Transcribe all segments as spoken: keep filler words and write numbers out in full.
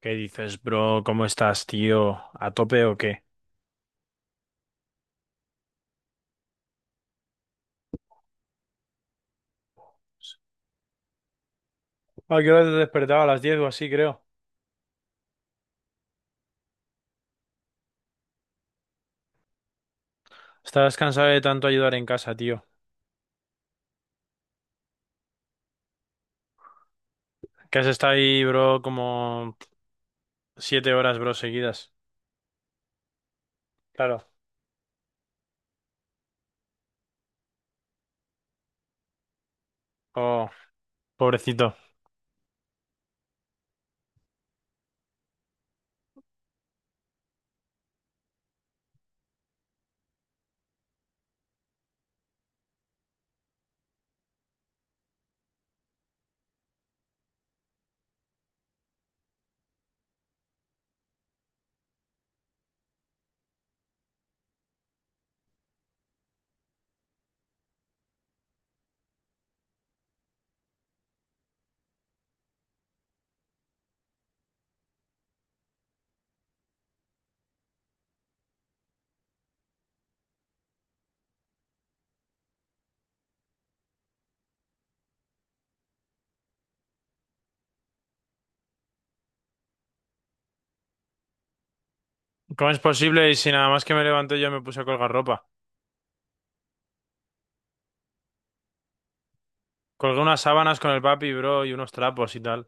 ¿Qué dices, bro? ¿Cómo estás, tío? ¿A tope o qué? ¿A qué hora te has despertado? A las diez o así, creo. ¿Estás cansado de tanto ayudar en casa, tío? Que has estado ahí, bro, como siete horas, bro, seguidas. Claro. Oh, pobrecito. ¿Cómo es posible? Y si nada más que me levanté yo me puse a colgar ropa. Colgué unas sábanas con el papi, bro, y unos trapos y tal.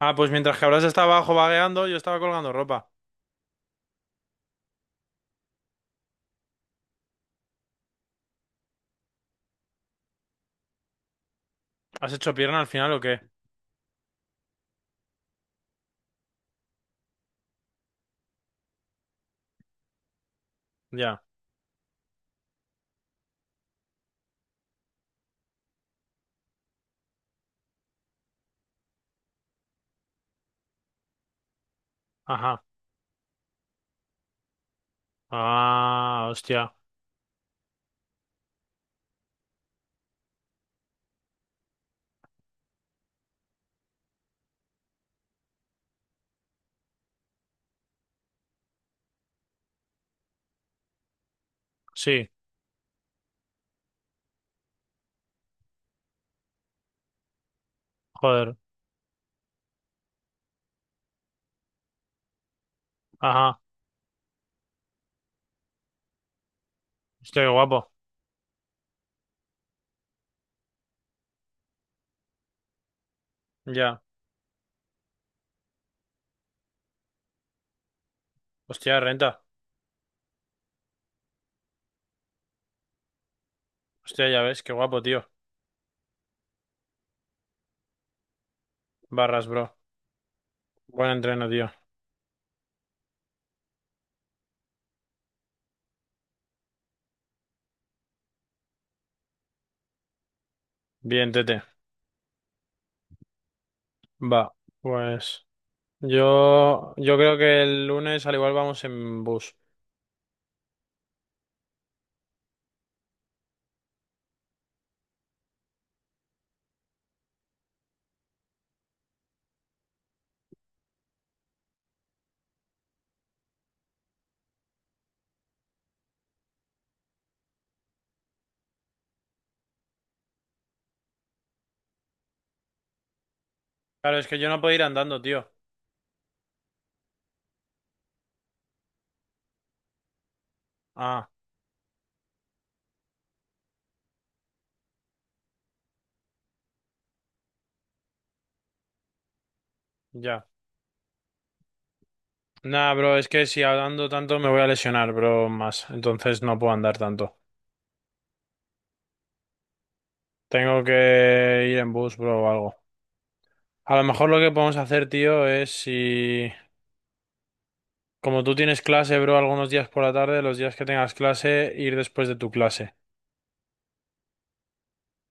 Ah, pues mientras que habrás estado abajo vagueando, yo estaba colgando ropa. ¿Has hecho pierna al final o qué? Ya. Ajá. Ah, hostia. Sí. Joder. Ajá. Hostia, qué guapo. Ya. Hostia, renta. Hostia, ya ves, qué guapo, tío. Barras, bro. Buen entreno, tío. Bien, tete. Va. Pues yo, yo creo que el lunes al igual vamos en bus. Claro, es que yo no puedo ir andando, tío. Ah, ya. Nah, bro, es que si andando tanto me voy a lesionar, bro, más. Entonces no puedo andar tanto. Tengo que ir en bus, bro, o algo. A lo mejor lo que podemos hacer, tío, es si... Como tú tienes clase, bro, algunos días por la tarde, los días que tengas clase, ir después de tu clase.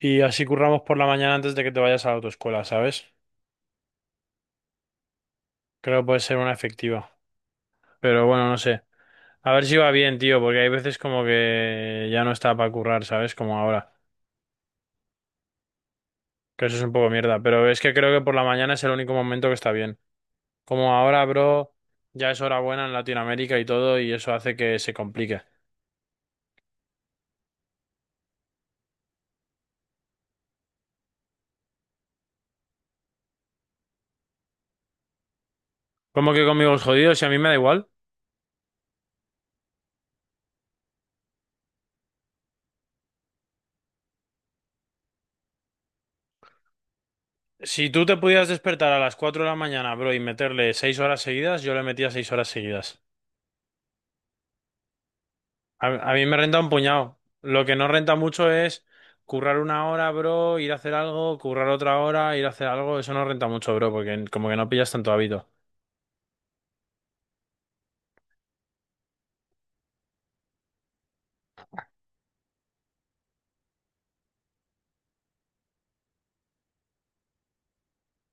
Y así curramos por la mañana antes de que te vayas a la autoescuela, ¿sabes? Creo que puede ser una efectiva. Pero bueno, no sé. A ver si va bien, tío, porque hay veces como que ya no está para currar, ¿sabes? Como ahora. Que eso es un poco mierda. Pero es que creo que por la mañana es el único momento que está bien. Como ahora, bro, ya es hora buena en Latinoamérica y todo, y eso hace que se complique. Como que conmigo es jodido, si a mí me da igual. Si tú te pudieras despertar a las cuatro de la mañana, bro, y meterle seis horas seguidas, yo le metía seis horas seguidas. A, a mí me renta un puñado. Lo que no renta mucho es currar una hora, bro, ir a hacer algo, currar otra hora, ir a hacer algo. Eso no renta mucho, bro, porque como que no pillas tanto hábito.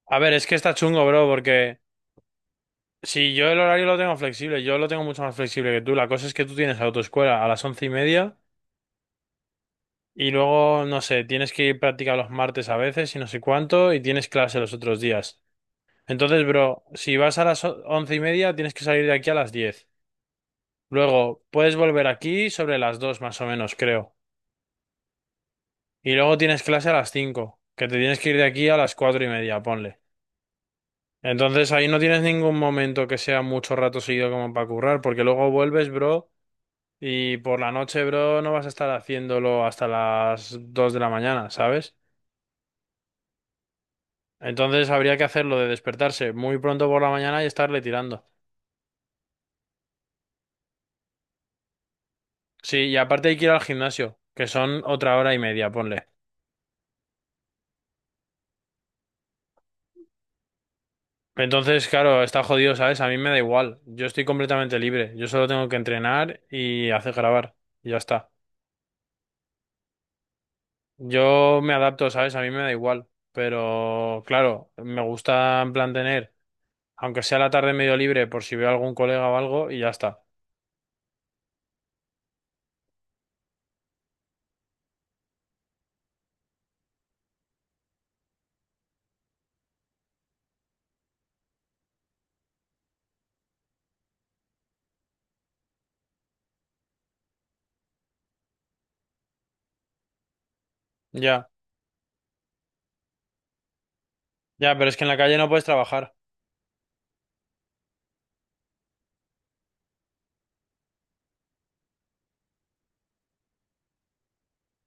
A ver, es que está chungo, bro, porque si yo el horario lo tengo flexible, yo lo tengo mucho más flexible que tú. La cosa es que tú tienes autoescuela a las once y media y luego, no sé, tienes que ir práctica los martes a veces y no sé cuánto y tienes clase los otros días. Entonces, bro, si vas a las o- once y media, tienes que salir de aquí a las diez. Luego, puedes volver aquí sobre las dos, más o menos, creo. Y luego tienes clase a las cinco, que te tienes que ir de aquí a las cuatro y media, ponle. Entonces, ahí no tienes ningún momento que sea mucho rato seguido como para currar, porque luego vuelves, bro, y por la noche, bro, no vas a estar haciéndolo hasta las dos de la mañana, ¿sabes? Entonces, habría que hacerlo de despertarse muy pronto por la mañana y estarle tirando. Sí, y aparte hay que ir al gimnasio, que son otra hora y media, ponle. Entonces, claro, está jodido, ¿sabes? A mí me da igual. Yo estoy completamente libre. Yo solo tengo que entrenar y hacer grabar. Y ya está. Yo me adapto, ¿sabes? A mí me da igual. Pero, claro, me gusta en plan tener, aunque sea la tarde medio libre, por si veo a algún colega o algo, y ya está. Ya, ya, pero es que en la calle no puedes trabajar.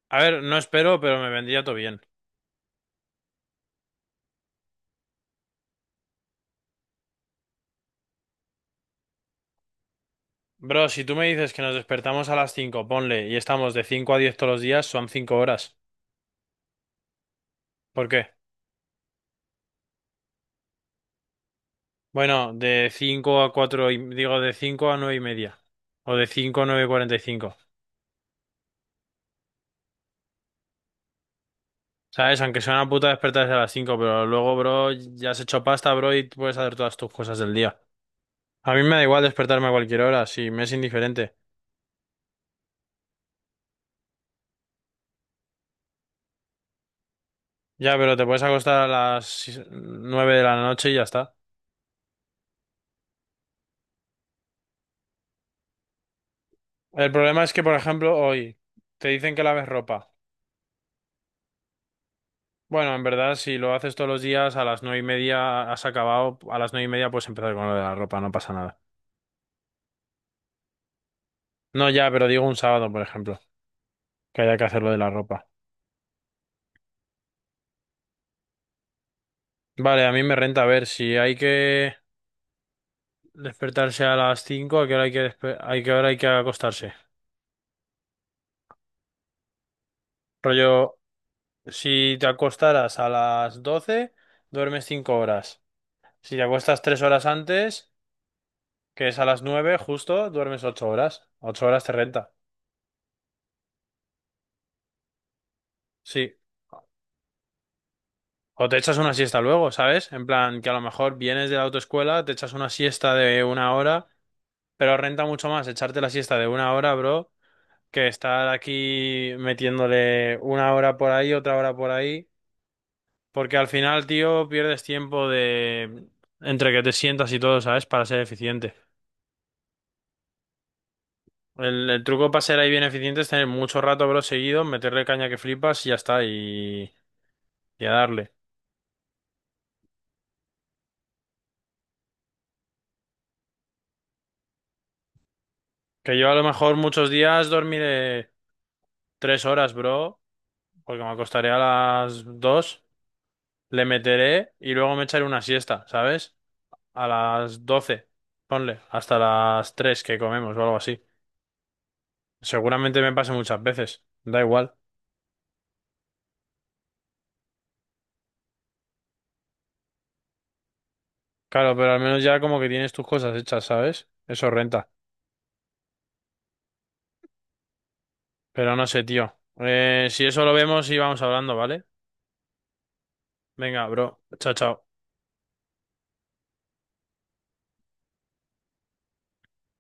A ver, no espero, pero me vendría todo bien. Bro, si tú me dices que nos despertamos a las cinco, ponle, y estamos de cinco a diez todos los días, son cinco horas. ¿Por qué? Bueno, de cinco a cuatro y, digo, de cinco a nueve y media. O de cinco a nueve y cuarenta y cinco. ¿Sabes? Aunque sea una puta despertarse a las cinco, pero luego, bro, ya has hecho pasta, bro, y puedes hacer todas tus cosas del día. A mí me da igual despertarme a cualquier hora, si me es indiferente. Ya, pero te puedes acostar a las nueve de la noche y ya está. El problema es que, por ejemplo, hoy te dicen que laves ropa. Bueno, en verdad, si lo haces todos los días, a las nueve y media has acabado, a las nueve y media puedes empezar con lo de la ropa, no pasa nada. No, ya, pero digo un sábado, por ejemplo. Que haya que hacer lo de la ropa. Vale, a mí me renta a ver si hay que despertarse a las cinco, a qué hora hay que, despe- hay que, hora hay que acostarse. Rollo, si te acostaras a las doce duermes cinco horas. Si te acuestas tres horas antes, que es a las nueve justo, duermes ocho horas. Ocho horas te renta. Sí. O te echas una siesta luego, ¿sabes? En plan, que a lo mejor vienes de la autoescuela, te echas una siesta de una hora, pero renta mucho más echarte la siesta de una hora, bro que estar aquí metiéndole una hora por ahí, otra hora por ahí, porque al final, tío, pierdes tiempo de entre que te sientas y todo, ¿sabes? Para ser eficiente. El, el truco para ser ahí bien eficiente es tener mucho rato, bro, seguido, meterle caña que flipas y ya está, y, y a darle. Que yo a lo mejor muchos días dormiré tres horas, bro, porque me acostaré a las dos, le meteré y luego me echaré una siesta, ¿sabes? A las doce, ponle, hasta las tres que comemos o algo así. Seguramente me pase muchas veces, da igual. Claro, pero al menos ya como que tienes tus cosas hechas, ¿sabes? Eso renta. Pero no sé, tío. Eh, si eso lo vemos, y vamos hablando, ¿vale? Venga, bro. Chao, chao.